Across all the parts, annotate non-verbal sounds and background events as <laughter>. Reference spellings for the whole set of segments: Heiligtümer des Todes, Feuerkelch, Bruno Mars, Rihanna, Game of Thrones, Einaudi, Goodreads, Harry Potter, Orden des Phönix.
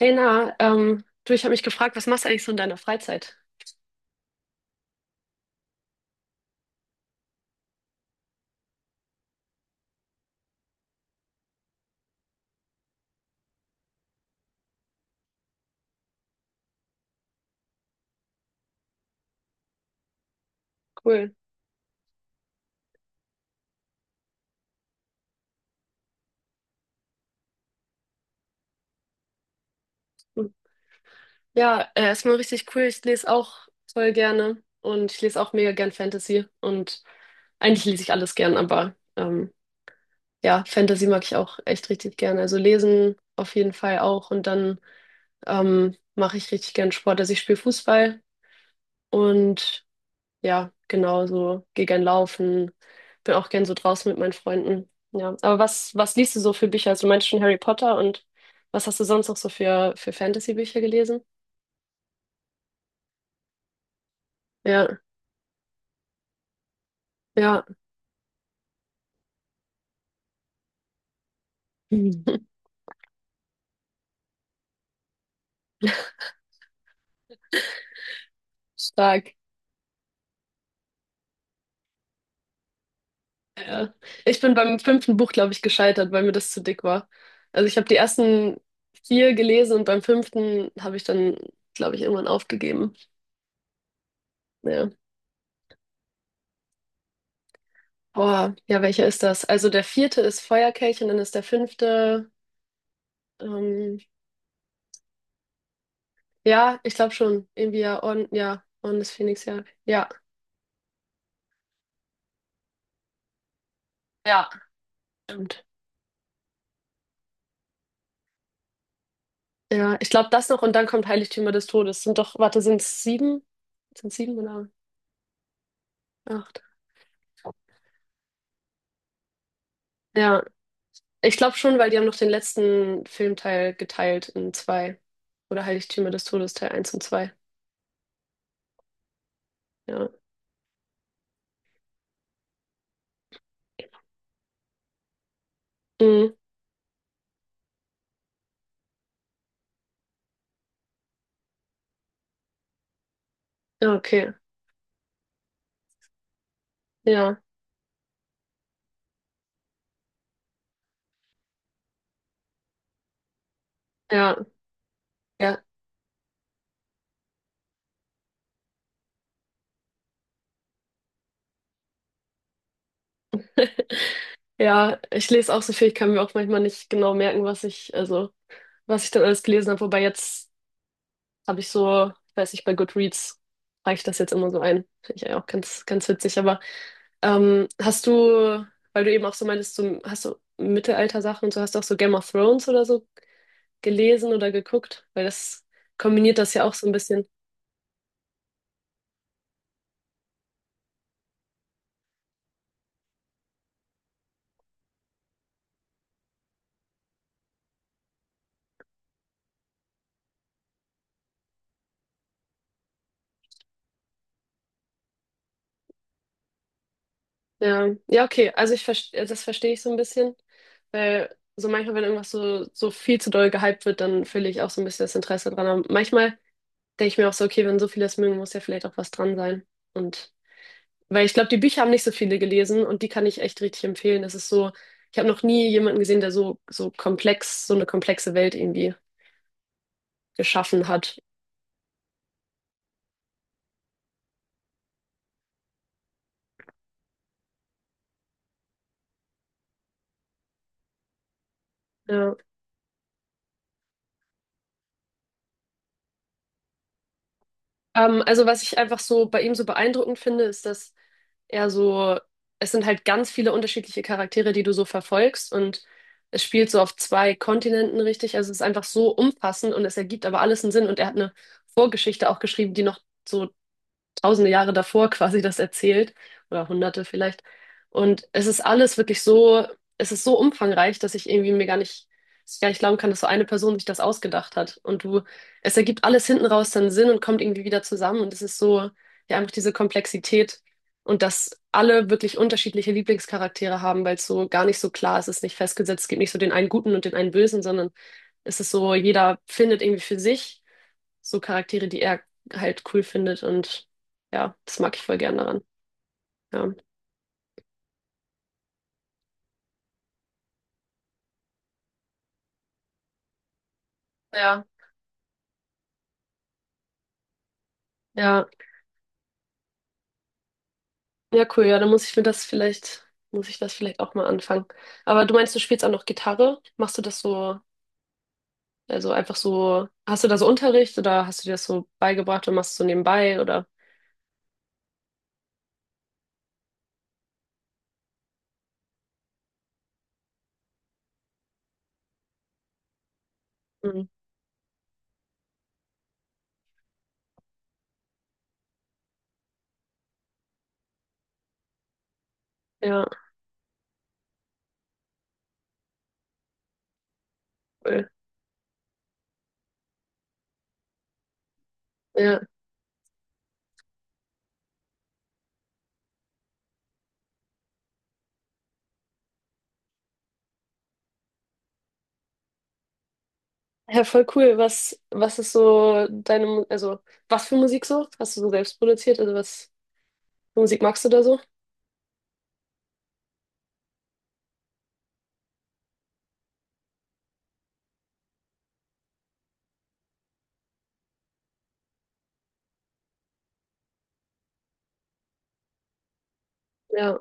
Lena, du, ich habe mich gefragt, was machst du eigentlich so in deiner Freizeit? Cool. Hm. Ja, erstmal richtig cool. Ich lese auch voll gerne und ich lese auch mega gern Fantasy und eigentlich lese ich alles gern, aber ja, Fantasy mag ich auch echt richtig gern. Also lesen auf jeden Fall auch und dann mache ich richtig gern Sport. Also ich spiele Fußball und ja, genau so. Geh gern laufen. Bin auch gern so draußen mit meinen Freunden. Ja, aber was liest du so für Bücher? Also, du meinst schon Harry Potter und was hast du sonst noch so für Fantasy-Bücher gelesen? Ja, ja. Mhm. <laughs> Stark. Ja. Ich bin beim fünften Buch, glaube ich, gescheitert, weil mir das zu dick war. Also ich habe die ersten vier gelesen und beim fünften habe ich dann, glaube ich, irgendwann aufgegeben. Ja. Boah, ja, welcher ist das? Also der vierte ist Feuerkelch und dann ist der fünfte. Ähm, Ja, ich glaube schon. Irgendwie ja, Orden des Phönix, ja. Ja, ja, stimmt. Ja, ich glaube das noch und dann kommt Heiligtümer des Todes. Sind doch, warte, sind es sieben? Sind sieben oder acht? Ja, ich glaube schon, weil die haben noch den letzten Filmteil geteilt in zwei. Oder Heiligtümer des Todes, Teil eins und 2. Ja. Mhm. Ja, okay. Ja, ja, ja. Ja, ich lese auch so viel, ich kann mir auch manchmal nicht genau merken, was ich, also, was ich dann alles gelesen habe. Wobei jetzt habe ich so, ich weiß nicht, bei Goodreads reiche ich das jetzt immer so ein. Finde ich ja auch ganz, ganz witzig. Aber hast du, weil du eben auch so meintest, so, hast du Mittelalter-Sachen und so, hast du auch so Game of Thrones oder so gelesen oder geguckt? Weil das kombiniert das ja auch so ein bisschen. Ja, ja, okay. Also ich verstehe, das verstehe ich so ein bisschen. Weil so manchmal, wenn irgendwas so, so viel zu doll gehypt wird, dann verliere ich auch so ein bisschen das Interesse dran. Aber manchmal denke ich mir auch so, okay, wenn so viele das mögen, muss ja vielleicht auch was dran sein. Und weil ich glaube, die Bücher haben nicht so viele gelesen und die kann ich echt richtig empfehlen. Das ist so, ich habe noch nie jemanden gesehen, der so, so komplex, so eine komplexe Welt irgendwie geschaffen hat. Ja. Also was ich einfach so bei ihm so beeindruckend finde, ist, dass er so, es sind halt ganz viele unterschiedliche Charaktere, die du so verfolgst und es spielt so auf zwei Kontinenten richtig. Also es ist einfach so umfassend und es ergibt aber alles einen Sinn und er hat eine Vorgeschichte auch geschrieben, die noch so tausende Jahre davor quasi das erzählt oder hunderte vielleicht. Und es ist alles wirklich so, es ist so umfangreich, dass ich irgendwie mir gar nicht, dass ich gar nicht glauben kann, dass so eine Person sich das ausgedacht hat. Und du, es ergibt alles hinten raus dann Sinn und kommt irgendwie wieder zusammen. Und es ist so, ja, einfach diese Komplexität und dass alle wirklich unterschiedliche Lieblingscharaktere haben, weil es so gar nicht so klar ist, es ist nicht festgesetzt, es gibt nicht so den einen Guten und den einen Bösen, sondern es ist so, jeder findet irgendwie für sich so Charaktere, die er halt cool findet und ja, das mag ich voll gern daran. Ja. Ja, ja, ja, cool, ja, dann muss ich mir das vielleicht, muss ich das vielleicht auch mal anfangen. Aber du meinst, du spielst auch noch Gitarre? Machst du das so, also einfach so, hast du da so Unterricht oder hast du dir das so beigebracht und machst es so nebenbei oder? Mhm. Ja, cool. Ja. Ja, voll cool. Was, was ist so deine, Mu- also was für Musik so? Hast du so selbst produziert? Also was für Musik magst du da so? Ja,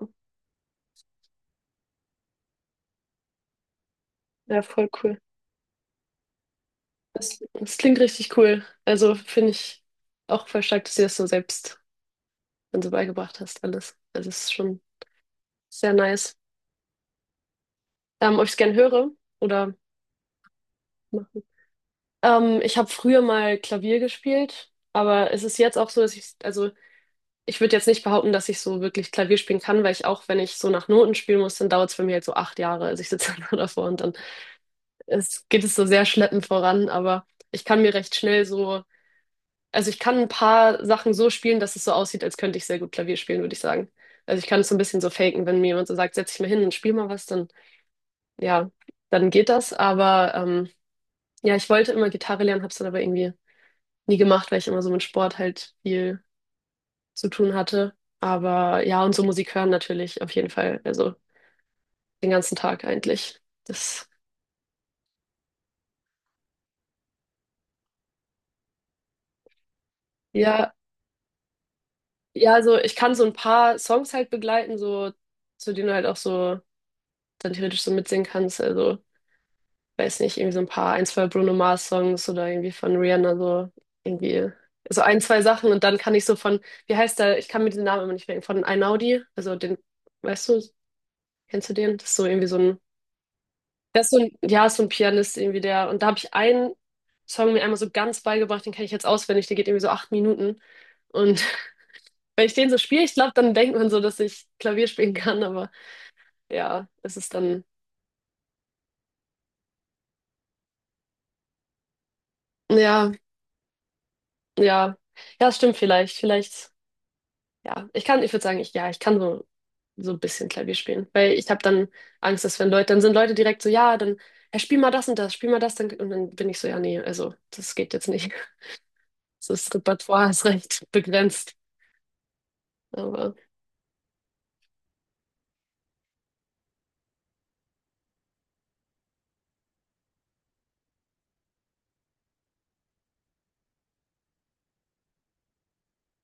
ja, voll cool. Das, das klingt richtig cool. Also finde ich auch voll stark, dass du das so selbst dann so beigebracht hast, alles. Also es ist schon sehr nice. Ob ich es gern höre oder machen. Ich habe früher mal Klavier gespielt, aber es ist jetzt auch so, dass ich, also ich würde jetzt nicht behaupten, dass ich so wirklich Klavier spielen kann, weil ich auch, wenn ich so nach Noten spielen muss, dann dauert es bei mir halt so acht Jahre. Also ich sitze <laughs> dann nur davor und dann es, geht es so sehr schleppend voran, aber ich kann mir recht schnell so. Also ich kann ein paar Sachen so spielen, dass es so aussieht, als könnte ich sehr gut Klavier spielen, würde ich sagen. Also ich kann es so ein bisschen so faken, wenn mir jemand so sagt, setz dich mal hin und spiel mal was, dann ja, dann geht das. Aber ja, ich wollte immer Gitarre lernen, habe es dann aber irgendwie nie gemacht, weil ich immer so mit Sport halt viel zu tun hatte. Aber ja, und so Musik hören natürlich auf jeden Fall, also den ganzen Tag eigentlich. Das ja, ja, also ich kann so ein paar Songs halt begleiten, so zu denen du halt auch so dann theoretisch so mitsingen kannst. Also weiß nicht, irgendwie so ein paar, ein, zwei Bruno Mars Songs oder irgendwie von Rihanna so irgendwie so ein, zwei Sachen und dann kann ich so von, wie heißt der, ich kann mir den Namen immer nicht merken, von Einaudi, also den, weißt du, kennst du den? Das ist so irgendwie so ein, der ist so ein, ja, ist so ein Pianist irgendwie der und da habe ich einen Song mir einmal so ganz beigebracht, den kenne ich jetzt auswendig, der geht irgendwie so acht Minuten und <laughs> wenn ich den so spiele, ich glaube, dann denkt man so, dass ich Klavier spielen kann, aber ja, es ist dann, ja, ja, ja, stimmt vielleicht, vielleicht. Ja, ich kann, ich würde sagen, ich, ja, ich kann so, so ein bisschen Klavier spielen, weil ich habe dann Angst, dass wenn Leute, dann sind Leute direkt so, ja, dann, ja, spiel mal das und das, spiel mal das, dann, und dann bin ich so, ja, nee, also, das geht jetzt nicht. <laughs> Das Repertoire ist recht <laughs> begrenzt, aber,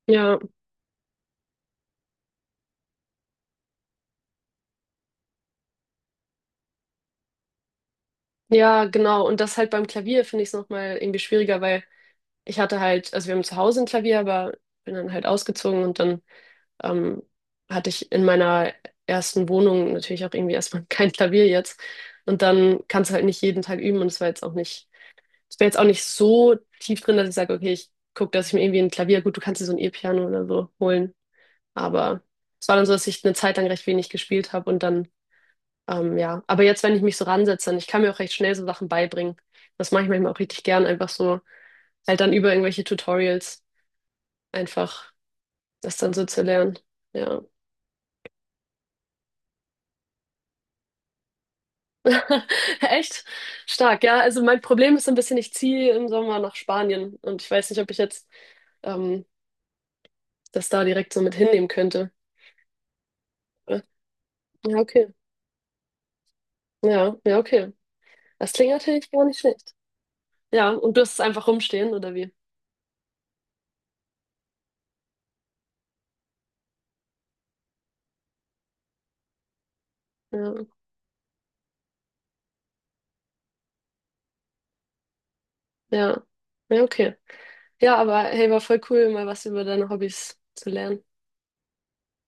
ja, ja, genau, und das halt beim Klavier finde ich es nochmal irgendwie schwieriger, weil ich hatte halt, also wir haben zu Hause ein Klavier, aber bin dann halt ausgezogen und dann ähm, hatte ich in meiner ersten Wohnung natürlich auch irgendwie erstmal <laughs> kein Klavier jetzt. Und dann kannst du halt nicht jeden Tag üben und es war jetzt auch nicht so tief drin, dass ich sage, okay, ich gucke, dass ich mir irgendwie ein Klavier, gut, du kannst dir so ein E-Piano oder so holen. Aber es war dann so, dass ich eine Zeit lang recht wenig gespielt habe und dann, ja. Aber jetzt, wenn ich mich so ransetze, dann, ich kann mir auch recht schnell so Sachen beibringen. Das mache ich manchmal auch richtig gern, einfach so, halt dann über irgendwelche Tutorials einfach das dann so zu lernen. Ja. <laughs> Echt stark, ja. Also mein Problem ist so ein bisschen, ich ziehe im Sommer nach Spanien und ich weiß nicht, ob ich jetzt ähm, das da direkt so mit hinnehmen könnte. Äh, Ja, okay. Ja, ja, okay. Das klingt natürlich gar nicht schlecht. Ja, und du hast es einfach rumstehen, oder wie? Ja, ja. Ja, okay. Ja, aber hey, war voll cool, mal was über deine Hobbys zu lernen.